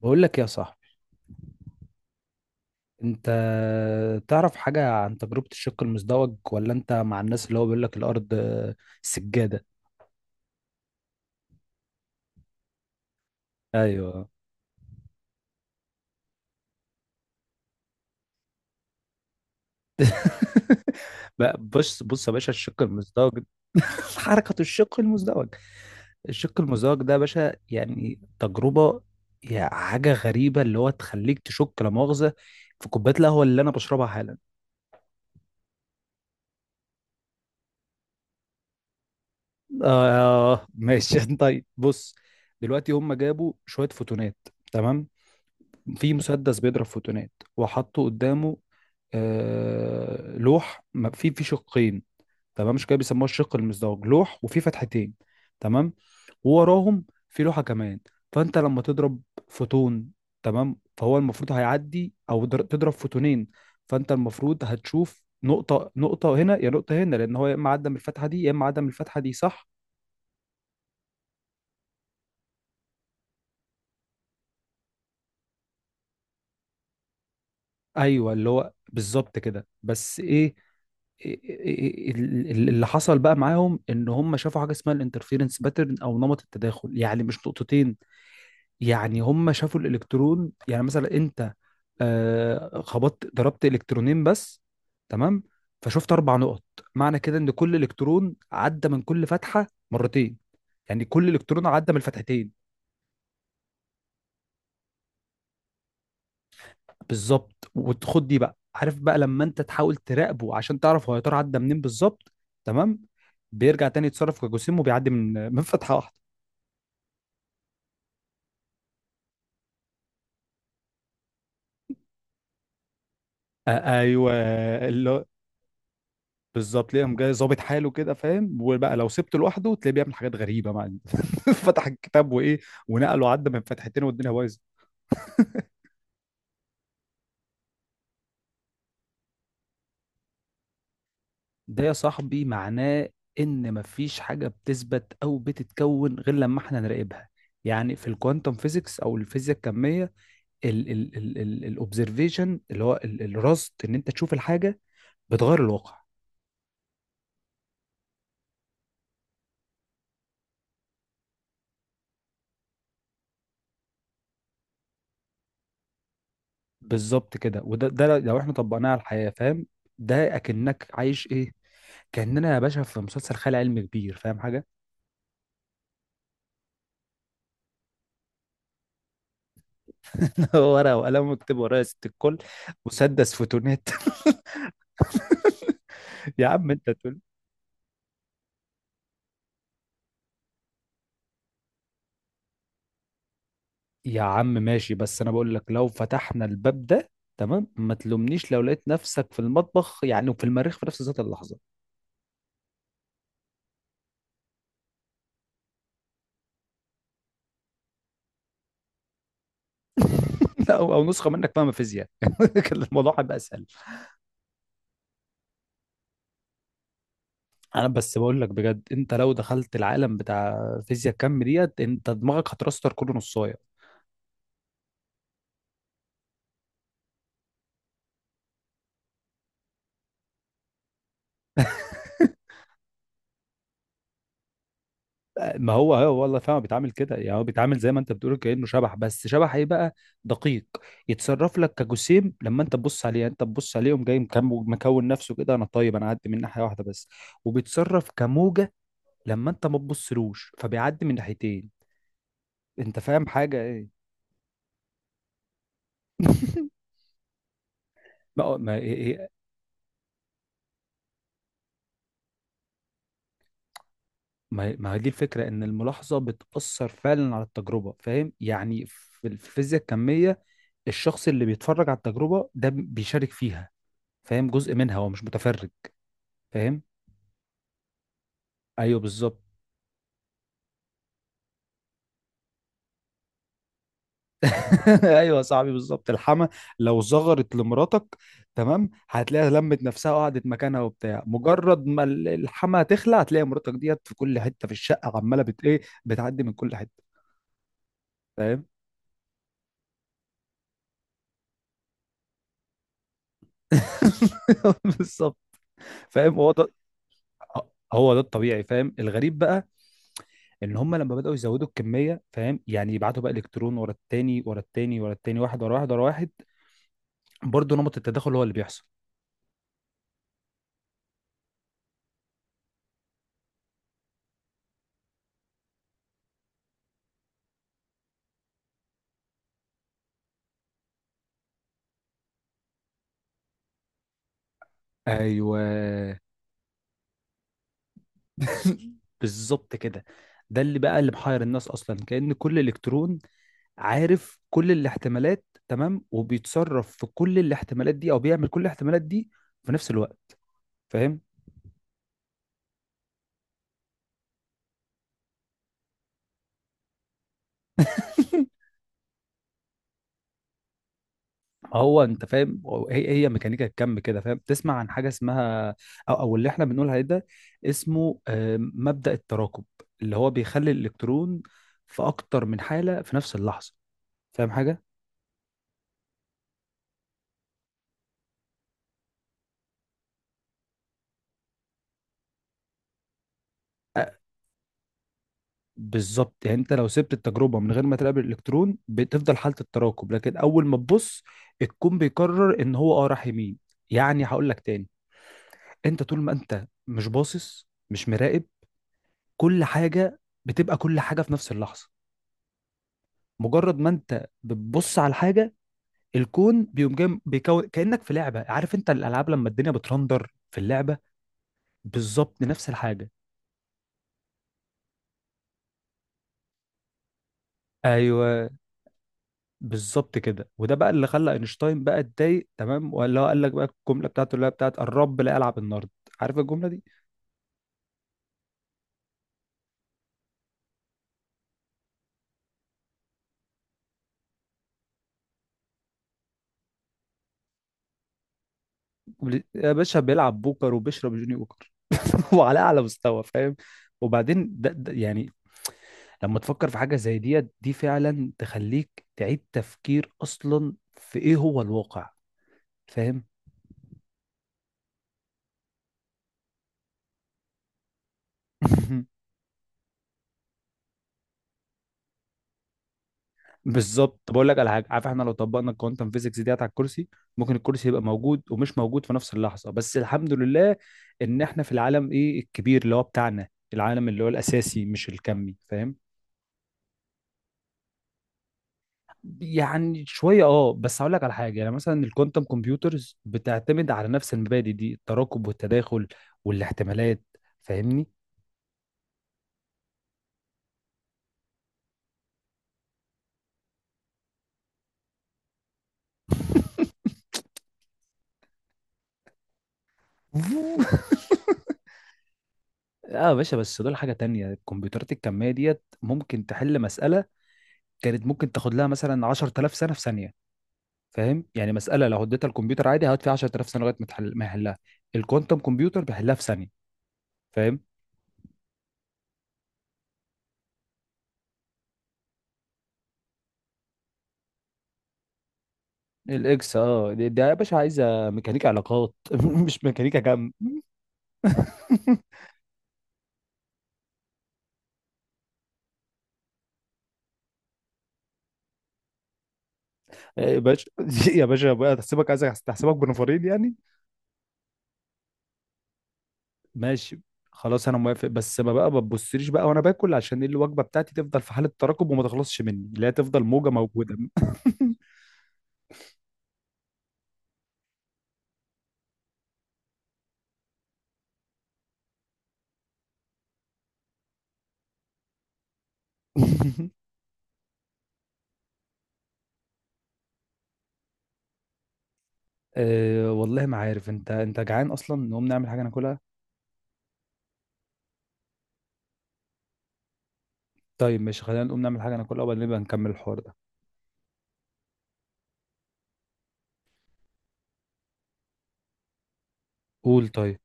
بقول لك يا صاحبي، انت تعرف حاجة عن تجربة الشق المزدوج ولا انت مع الناس اللي هو بيقول لك الارض سجادة؟ ايوه. بقى بص بص يا باشا، الشق المزدوج. حركة الشق المزدوج. الشق المزدوج ده يا باشا يعني تجربة، يعني حاجة غريبة اللي هو تخليك تشك لا مؤاخذة في كوباية القهوة اللي أنا بشربها حالا. آه، ماشي. طيب بص، دلوقتي هم جابوا شوية فوتونات، تمام. في مسدس بيضرب فوتونات وحطوا قدامه. آه، لوح في شقين. تمام، مش كده؟ بيسموها الشق المزدوج، لوح وفي فتحتين. تمام. ووراهم في لوحة كمان. فانت لما تضرب فوتون، تمام، فهو المفروض هيعدي او تضرب فوتونين. فانت المفروض هتشوف نقطة نقطة هنا يا نقطة هنا، لان هو يا اما عدى من الفتحة دي يا اما عدى من الفتحة دي، صح؟ ايوه، اللي هو بالظبط كده. بس ايه اللي حصل بقى معاهم، ان هم شافوا حاجه اسمها الانترفيرنس باترن او نمط التداخل. يعني مش نقطتين. يعني هم شافوا الالكترون. يعني مثلا انت ضربت الكترونين بس، تمام. فشفت اربع نقط. معنى كده ان كل الكترون عدى من كل فتحه مرتين. يعني كل الكترون عدى من الفتحتين. بالظبط. وتخد دي بقى، عارف، بقى لما انت تحاول تراقبه عشان تعرف هو يا ترى عدى منين بالظبط، تمام، بيرجع تاني يتصرف كجسيم وبيعدي من من فتحه واحده. آه، ايوه، اللي هو بالظبط. ليه قام جاي ظابط حاله كده، فاهم؟ وبقى لو سبته لوحده تلاقيه بيعمل حاجات غريبه، مع فتح الكتاب وايه، ونقله، وعدى من فتحتين، والدنيا بايظه. ده يا صاحبي معناه ان مفيش حاجه بتثبت او بتتكون غير لما احنا نراقبها. يعني في الكوانتم فيزيكس او الفيزياء الكميه، الاوبزرفيشن اللي هو الرصد، ان انت تشوف الحاجه، بتغير الواقع. بالظبط كده. وده لو احنا طبقناه على الحياه، فاهم، ده اكنك عايش ايه. كاننا يا باشا في مسلسل خيال علمي كبير، فاهم حاجه؟ ورقه وقلم، واكتب ورايا ست الكل. مسدس فوتونات. يا عم انت تقول. يا عم ماشي، بس انا بقول لك لو فتحنا الباب ده، تمام، ما تلومنيش لو لقيت نفسك في المطبخ يعني وفي المريخ في نفس ذات اللحظه. لا، او نسخه منك فاهمه فيزياء، كان الموضوع هيبقى اسهل. انا بس بقول لك بجد، انت لو دخلت العالم بتاع فيزياء الكم ديت انت دماغك هترستر كله نصايه. ما هو هو والله، فاهم، بيتعامل كده. يعني هو بيتعامل زي ما انت بتقول كأنه شبح، بس شبح ايه بقى؟ دقيق. يتصرف لك كجسيم لما انت تبص عليه. يعني انت تبص عليه قوم جاي مكون نفسه كده، انا طيب انا هعدي من ناحيه واحده بس. وبيتصرف كموجه لما انت ما تبصلوش فبيعدي من ناحيتين. انت فاهم حاجه ايه؟ ما ما- إيه- إيه- ما هي دي الفكرة إن الملاحظة بتأثر فعلا على التجربة، فاهم، يعني في الفيزياء الكمية الشخص اللي بيتفرج على التجربة ده بيشارك فيها، فاهم، جزء منها، هو مش متفرج، فاهم؟ أيوه بالظبط. أيوه يا صاحبي بالظبط، الحما لو زغرت لمراتك، تمام، هتلاقيها لمت نفسها وقعدت مكانها وبتاع. مجرد ما الحما تخلع هتلاقي مراتك ديت في كل حتة في الشقة عمالة إيه، بتعدي من كل حتة، فاهم. بالظبط. فاهم هو ده. هو ده الطبيعي، فاهم. الغريب بقى ان هم لما بداوا يزودوا الكميه، فاهم، يعني يبعتوا بقى الكترون ورا التاني ورا التاني ورا التاني، واحد ورا واحد ورا واحد، برضه نمط التداخل هو اللي بيحصل. ايوه. بالظبط كده. ده اللي بقى اللي محير الناس اصلا، كأن كل الكترون عارف كل الاحتمالات، تمام، وبيتصرف في كل الاحتمالات دي او بيعمل كل الاحتمالات دي في نفس الوقت، فاهم. هو انت فاهم، هي ميكانيكا الكم كده، فاهم، تسمع عن حاجه اسمها او اللي احنا بنقول عليه ده، اسمه مبدأ التراكب، اللي هو بيخلي الالكترون في اكتر من حاله في نفس اللحظه، فاهم حاجه. آه، بالظبط. يعني انت لو سبت التجربه من غير ما تقابل الالكترون بتفضل حاله التراكب، لكن اول ما تبص الكون بيقرر ان هو راح يمين. يعني هقول لك تاني، انت طول ما انت مش باصص مش مراقب كل حاجه بتبقى كل حاجه في نفس اللحظه. مجرد ما انت بتبص على الحاجه، الكون بيقوم جاي بيكون كانك في لعبه. عارف انت الالعاب لما الدنيا بترندر في اللعبه؟ بالظبط نفس الحاجه. ايوه بالظبط كده. وده بقى اللي خلى اينشتاين بقى اتضايق، تمام، ولا هو قال لك بقى الجمله بتاعته اللي هي بتاعت الرب لا يلعب النرد، عارف الجمله دي؟ يا باشا بيلعب بوكر وبيشرب جوني بوكر، وعلى اعلى مستوى، فاهم. وبعدين ده يعني لما تفكر في حاجه زي ديت دي فعلا تخليك تعيد تفكير اصلا في ايه هو الواقع، فاهم. بالظبط. طب اقول لك على حاجه، عارف، احنا لو طبقنا الكوانتم فيزيكس ديت على الكرسي، ممكن الكرسي يبقى موجود ومش موجود في نفس اللحظه. بس الحمد لله ان احنا في العالم ايه الكبير اللي هو بتاعنا، العالم اللي هو الاساسي مش الكمي، فاهم. يعني شويه. اه بس هقول لك على حاجه، يعني مثلا الكوانتم كمبيوترز بتعتمد على نفس المبادئ دي، التراكب والتداخل والاحتمالات، فاهمني. اه يا باشا بس دول حاجه تانية. الكمبيوترات الكميه ديت ممكن تحل مساله كانت ممكن تاخد لها مثلا 10000 سنه في ثانيه. فاهم، يعني مساله لو اديتها الكمبيوتر عادي هيقعد فيها 10000 سنه لغايه ما يحلها، الكوانتم كمبيوتر بيحلها في ثانيه، فاهم. الاكس دي يا باشا عايزه ميكانيكا علاقات، مش ميكانيكا كم. يا باشا يا باشا بقى، تحسبك بنفرين يعني. ماشي. خلاص انا موافق بس ما بقى ما تبصليش بقى وانا باكل، عشان الوجبه بتاعتي تفضل في حاله تراكم وما تخلصش مني، لا تفضل موجه موجوده. أه والله ما عارف. انت جعان اصلا؟ نقوم نعمل حاجه ناكلها. طيب ماشي، خلينا نقوم نعمل حاجه ناكلها وبعدين نبقى نكمل الحوار ده. قول طيب.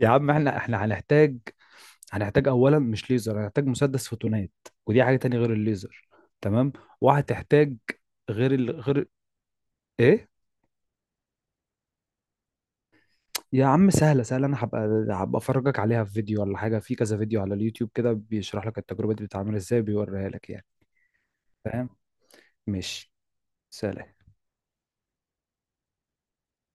يا عم احنا هنحتاج اولا مش ليزر، هنحتاج مسدس فوتونات، ودي حاجه تانية غير الليزر، تمام. وهتحتاج غير ايه؟ يا عم سهله سهله، انا هبقى افرجك عليها في فيديو ولا حاجه. في كذا فيديو على اليوتيوب كده بيشرح لك التجربه دي بتتعمل ازاي، بيوريها لك يعني، فاهم. ماشي. سلام.